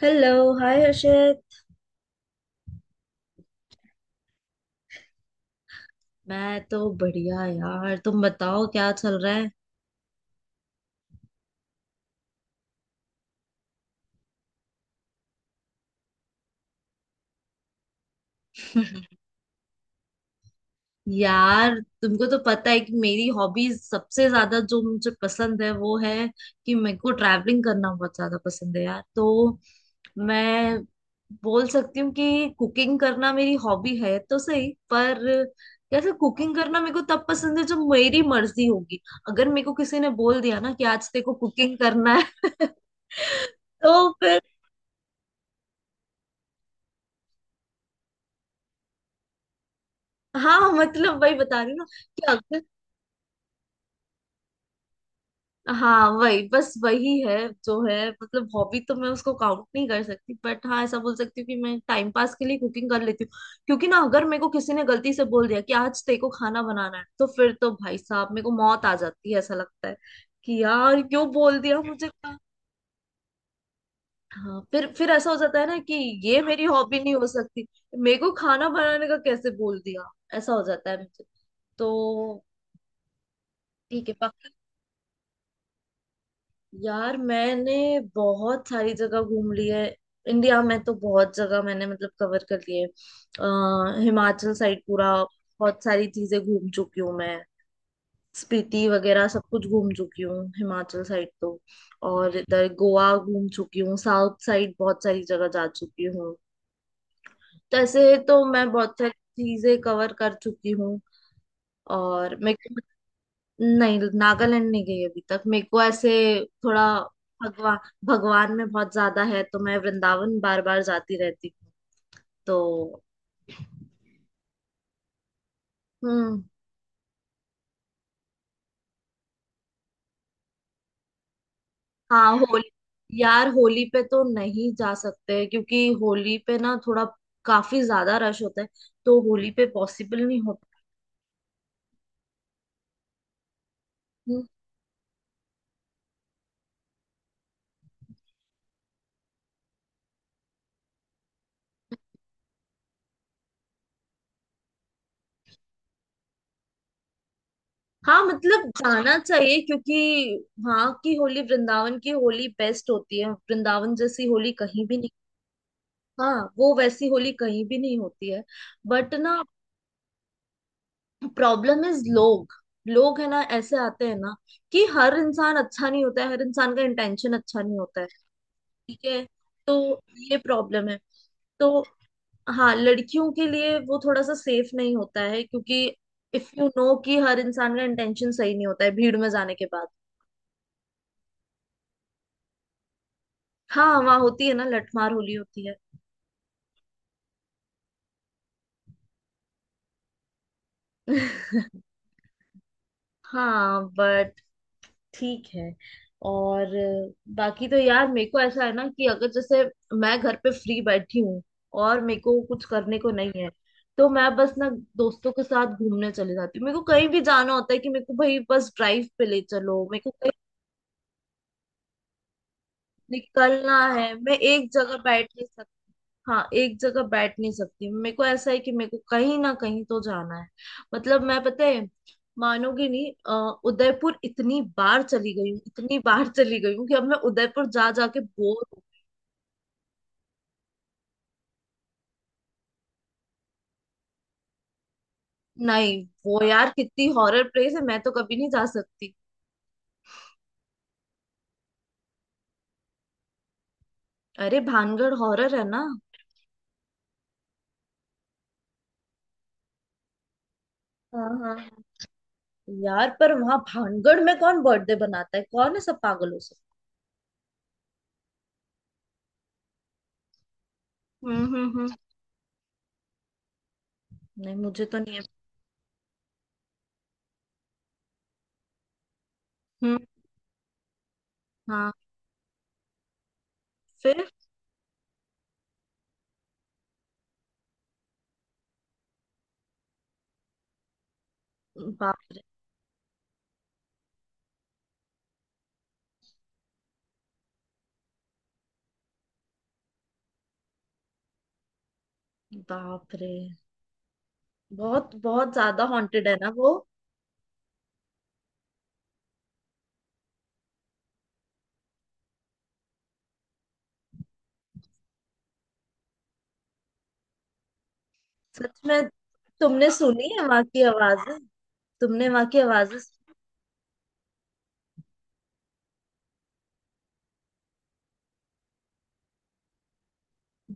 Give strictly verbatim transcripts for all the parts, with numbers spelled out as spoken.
Hello. Hi Harshit. मैं तो बढ़िया यार, तुम बताओ क्या चल रहा है। यार तुमको तो पता है कि मेरी हॉबीज सबसे ज्यादा जो मुझे पसंद है वो है कि मेरे को ट्रैवलिंग करना बहुत ज्यादा पसंद है यार। तो मैं बोल सकती हूँ कि कुकिंग करना मेरी हॉबी है तो सही, पर कैसे? कुकिंग करना मेरे को तब पसंद है जब मेरी मर्जी होगी। अगर मेरे को किसी ने बोल दिया ना कि आज तेरे को कुकिंग करना है, तो फिर। हाँ, मतलब वही बता रही हूँ ना कि अगर। हाँ, वही बस वही है जो है। मतलब हॉबी तो मैं उसको काउंट नहीं कर सकती, बट हाँ, ऐसा बोल सकती हूँ कि मैं टाइम पास के लिए कुकिंग कर लेती हूँ। क्योंकि ना अगर मेरे को किसी ने गलती से बोल दिया कि आज तेरे को खाना बनाना है, तो फिर तो भाई साहब मेरे को मौत आ जाती है, ऐसा लगता है कि यार क्यों बोल दिया मुझे खा-। हाँ, फिर फिर ऐसा हो जाता है ना कि ये मेरी हॉबी नहीं हो सकती। मेरे को खाना बनाने का कैसे बोल दिया? ऐसा हो जाता है मुझे तो। ठीक है। यार मैंने बहुत सारी जगह घूम ली है। इंडिया में तो बहुत जगह मैंने मतलब कवर कर ली है। अ, हिमाचल साइड पूरा बहुत सारी चीजें घूम चुकी हूँ मैं। स्पीति वगैरह सब कुछ घूम चुकी हूँ हिमाचल साइड तो। और इधर गोवा घूम चुकी हूँ, साउथ साइड बहुत सारी जगह जा चुकी हूँ। तो ऐसे तो मैं बहुत सारी चीजें कवर कर चुकी हूँ। और मेरे को, नहीं, नागालैंड नहीं गई अभी तक मेरे को, ऐसे थोड़ा। भगवा भगवान में बहुत ज्यादा है तो मैं वृंदावन बार बार जाती रहती हूँ तो। हम्म। हाँ होली। यार होली पे तो नहीं जा सकते क्योंकि होली पे ना थोड़ा, काफी ज्यादा रश होता है तो होली पे पॉसिबल नहीं होता। हम्म। हाँ, मतलब जाना चाहिए क्योंकि वहाँ की होली, वृंदावन की होली बेस्ट होती है। वृंदावन जैसी होली कहीं भी नहीं। हाँ, वो वैसी होली कहीं भी नहीं होती है। बट ना, प्रॉब्लम इज लोग। लोग है ना, ऐसे आते हैं ना कि हर इंसान अच्छा नहीं होता है, हर इंसान का इंटेंशन अच्छा नहीं होता है। ठीक है, तो ये प्रॉब्लम है तो। हाँ लड़कियों के लिए वो थोड़ा सा सेफ नहीं होता है क्योंकि इफ यू नो कि हर इंसान का इंटेंशन सही नहीं होता है भीड़ में जाने के बाद। हाँ वहाँ होती है ना, लठमार होली होती है। हाँ बट, ठीक है। और बाकी तो यार मेरे को ऐसा है ना कि अगर जैसे मैं घर पे फ्री बैठी हूँ और मेरे को कुछ करने को नहीं है तो मैं बस ना दोस्तों के साथ घूमने चली जाती हूँ। मेरे को कहीं भी जाना होता है कि मेरे को भाई बस ड्राइव पे ले चलो, मेरे को कहीं निकलना है, मैं एक जगह बैठ नहीं। हाँ, एक जगह बैठ नहीं सकती। मेरे को ऐसा है कि मेरे को कहीं ना कहीं तो जाना है। मतलब मैं, पता है, मानोगे नहीं, अ, उदयपुर इतनी बार चली गई हूँ, इतनी बार चली गई हूँ कि अब मैं उदयपुर जा जाके बोर हूँ। नहीं वो यार कितनी हॉरर प्लेस है, मैं तो कभी नहीं जा सकती। अरे भानगढ़ हॉरर है ना। हाँ हाँ हाँ। यार पर वहां भानगढ़ में कौन बर्थडे बनाता है? कौन है, सब पागलों से। हम्म हम्म हम्म। नहीं मुझे तो नहीं है। हम्म। हाँ फिर। बाप रे। बाप रे, बहुत बहुत ज्यादा हॉन्टेड है ना वो। सच में? तुमने सुनी है वहां की आवाजें? तुमने वहां की आवाजें सुनी?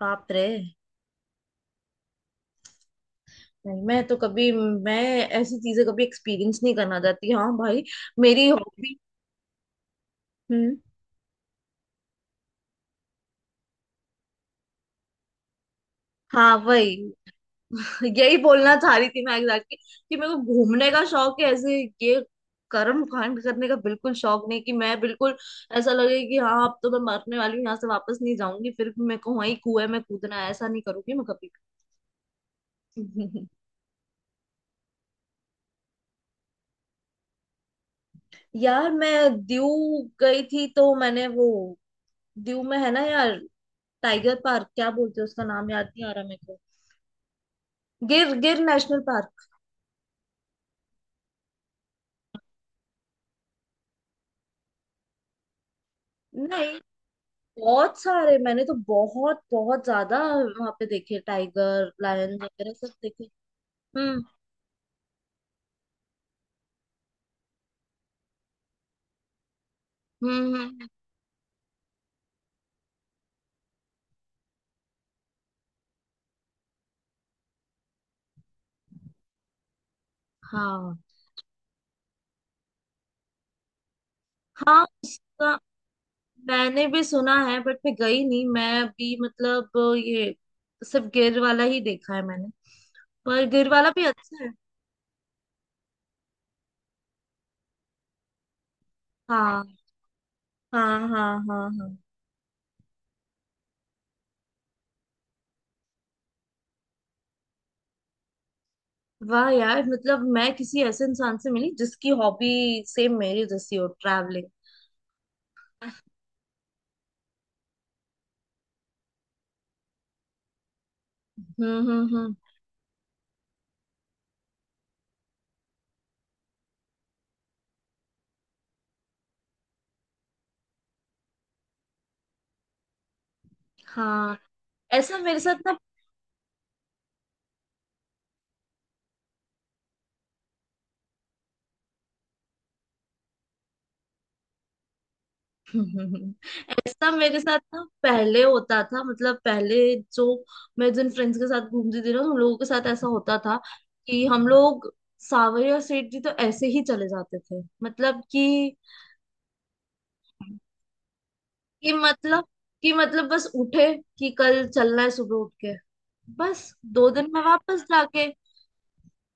बाप रे। नहीं मैं तो कभी, मैं ऐसी चीजें कभी एक्सपीरियंस नहीं करना चाहती, हाँ भाई। मेरी हॉबी। हम्म। हाँ वही। यही बोलना चाह रही थी मैं एग्जैक्टली कि मेरे को घूमने का शौक है, ऐसे ये कर्म कांड करने का बिल्कुल शौक नहीं। कि मैं बिल्कुल ऐसा लगे कि हाँ अब तो मैं मरने वाली हूँ यहाँ से वापस नहीं जाऊंगी, फिर भी मेरे को वहीं कुएं में कूदना है, ऐसा नहीं करूंगी मैं कभी भी। यार मैं दीव गई थी तो मैंने वो, दीव में है ना यार, टाइगर पार्क, क्या बोलते हैं उसका नाम याद नहीं आ रहा मेरे को, गिर, गिर नेशनल पार्क। नहीं, बहुत सारे, मैंने तो बहुत बहुत ज्यादा वहां पे देखे, टाइगर लायन वगैरह सब देखे। हम्म हम्म हम्म, हाँ हाँ। उसका मैंने भी सुना है बट मैं गई नहीं, मैं भी मतलब, ये सिर्फ गिर वाला ही देखा है मैंने। पर गिर वाला भी अच्छा है। हाँ हाँ हाँ हाँ हाँ। वाह यार, मतलब मैं किसी ऐसे इंसान से मिली जिसकी हॉबी सेम मेरी जैसी हो, ट्रैवलिंग। हम्म हम्म हम्म। हाँ ऐसा मेरे साथ ना। ऐसा मेरे साथ ना पहले होता था, मतलब पहले जो मैं, जिन फ्रेंड्स के साथ घूमती थी ना, उन लोगों के साथ ऐसा होता था कि हम लोग सावरिया सेठ जी तो ऐसे ही चले जाते थे, मतलब कि कि मतलब कि मतलब बस उठे कि कल चलना है, सुबह उठ के, बस दो दिन में वापस जाके।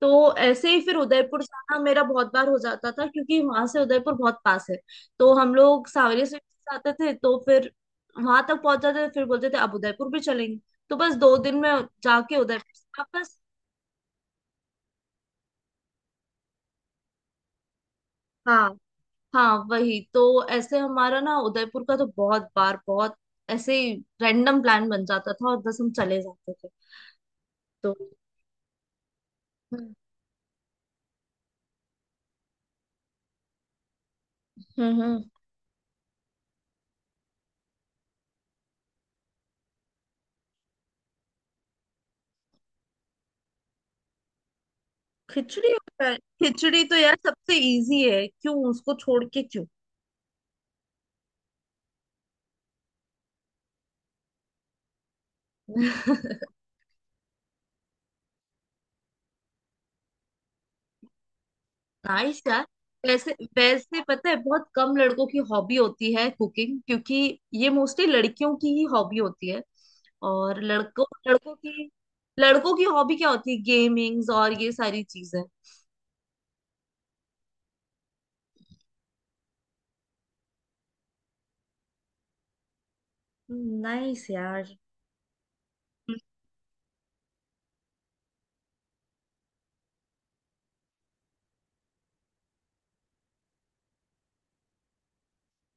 तो ऐसे ही फिर उदयपुर जाना मेरा बहुत बार हो जाता था क्योंकि वहां से उदयपुर बहुत पास है। तो हम लोग सांवरिया स्वीट से आते थे तो फिर वहां तक पहुंच जाते थे, फिर बोलते थे अब उदयपुर भी चलेंगे। तो बस दो दिन में जाके उदयपुर से वापस। हाँ हाँ वही तो। ऐसे हमारा ना उदयपुर का तो बहुत बार, बहुत ऐसे ही रैंडम प्लान बन जाता था और बस हम चले जाते थे तो। हम्म हम्म हम्म। खिचड़ी और पैर- खिचड़ी तो यार सबसे इजी है, क्यों उसको छोड़ के, क्यों? नाइस यार। वैसे वैसे पता है, बहुत कम लड़कों की हॉबी होती है कुकिंग, क्योंकि ये मोस्टली लड़कियों की ही हॉबी होती है। और लड़कों लड़कों की लड़कों की हॉबी क्या होती है, गेमिंग्स और ये सारी चीजें। नाइस यार,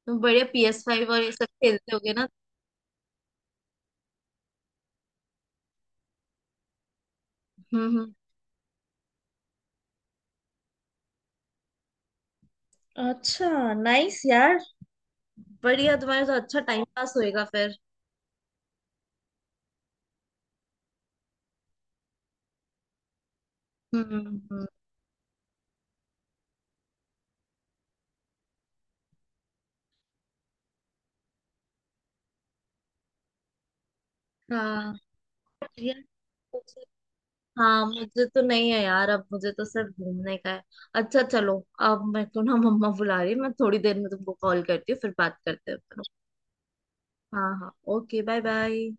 तुम बढ़िया पी एस फाइव और ये सब खेलते होगे ना। हम्म हम्म। अच्छा, नाइस यार, बढ़िया, तुम्हारे तो अच्छा टाइम पास होएगा फिर। हम्म हम्म। हम्म। हाँ बढ़िया। हाँ मुझे तो नहीं है यार, अब मुझे तो सिर्फ घूमने का है। अच्छा चलो, अब मेरे को ना मम्मा बुला रही है, मैं थोड़ी देर में तुमको कॉल करती हूँ, फिर बात करते हैं अपन। हाँ हाँ, ओके बाय बाय।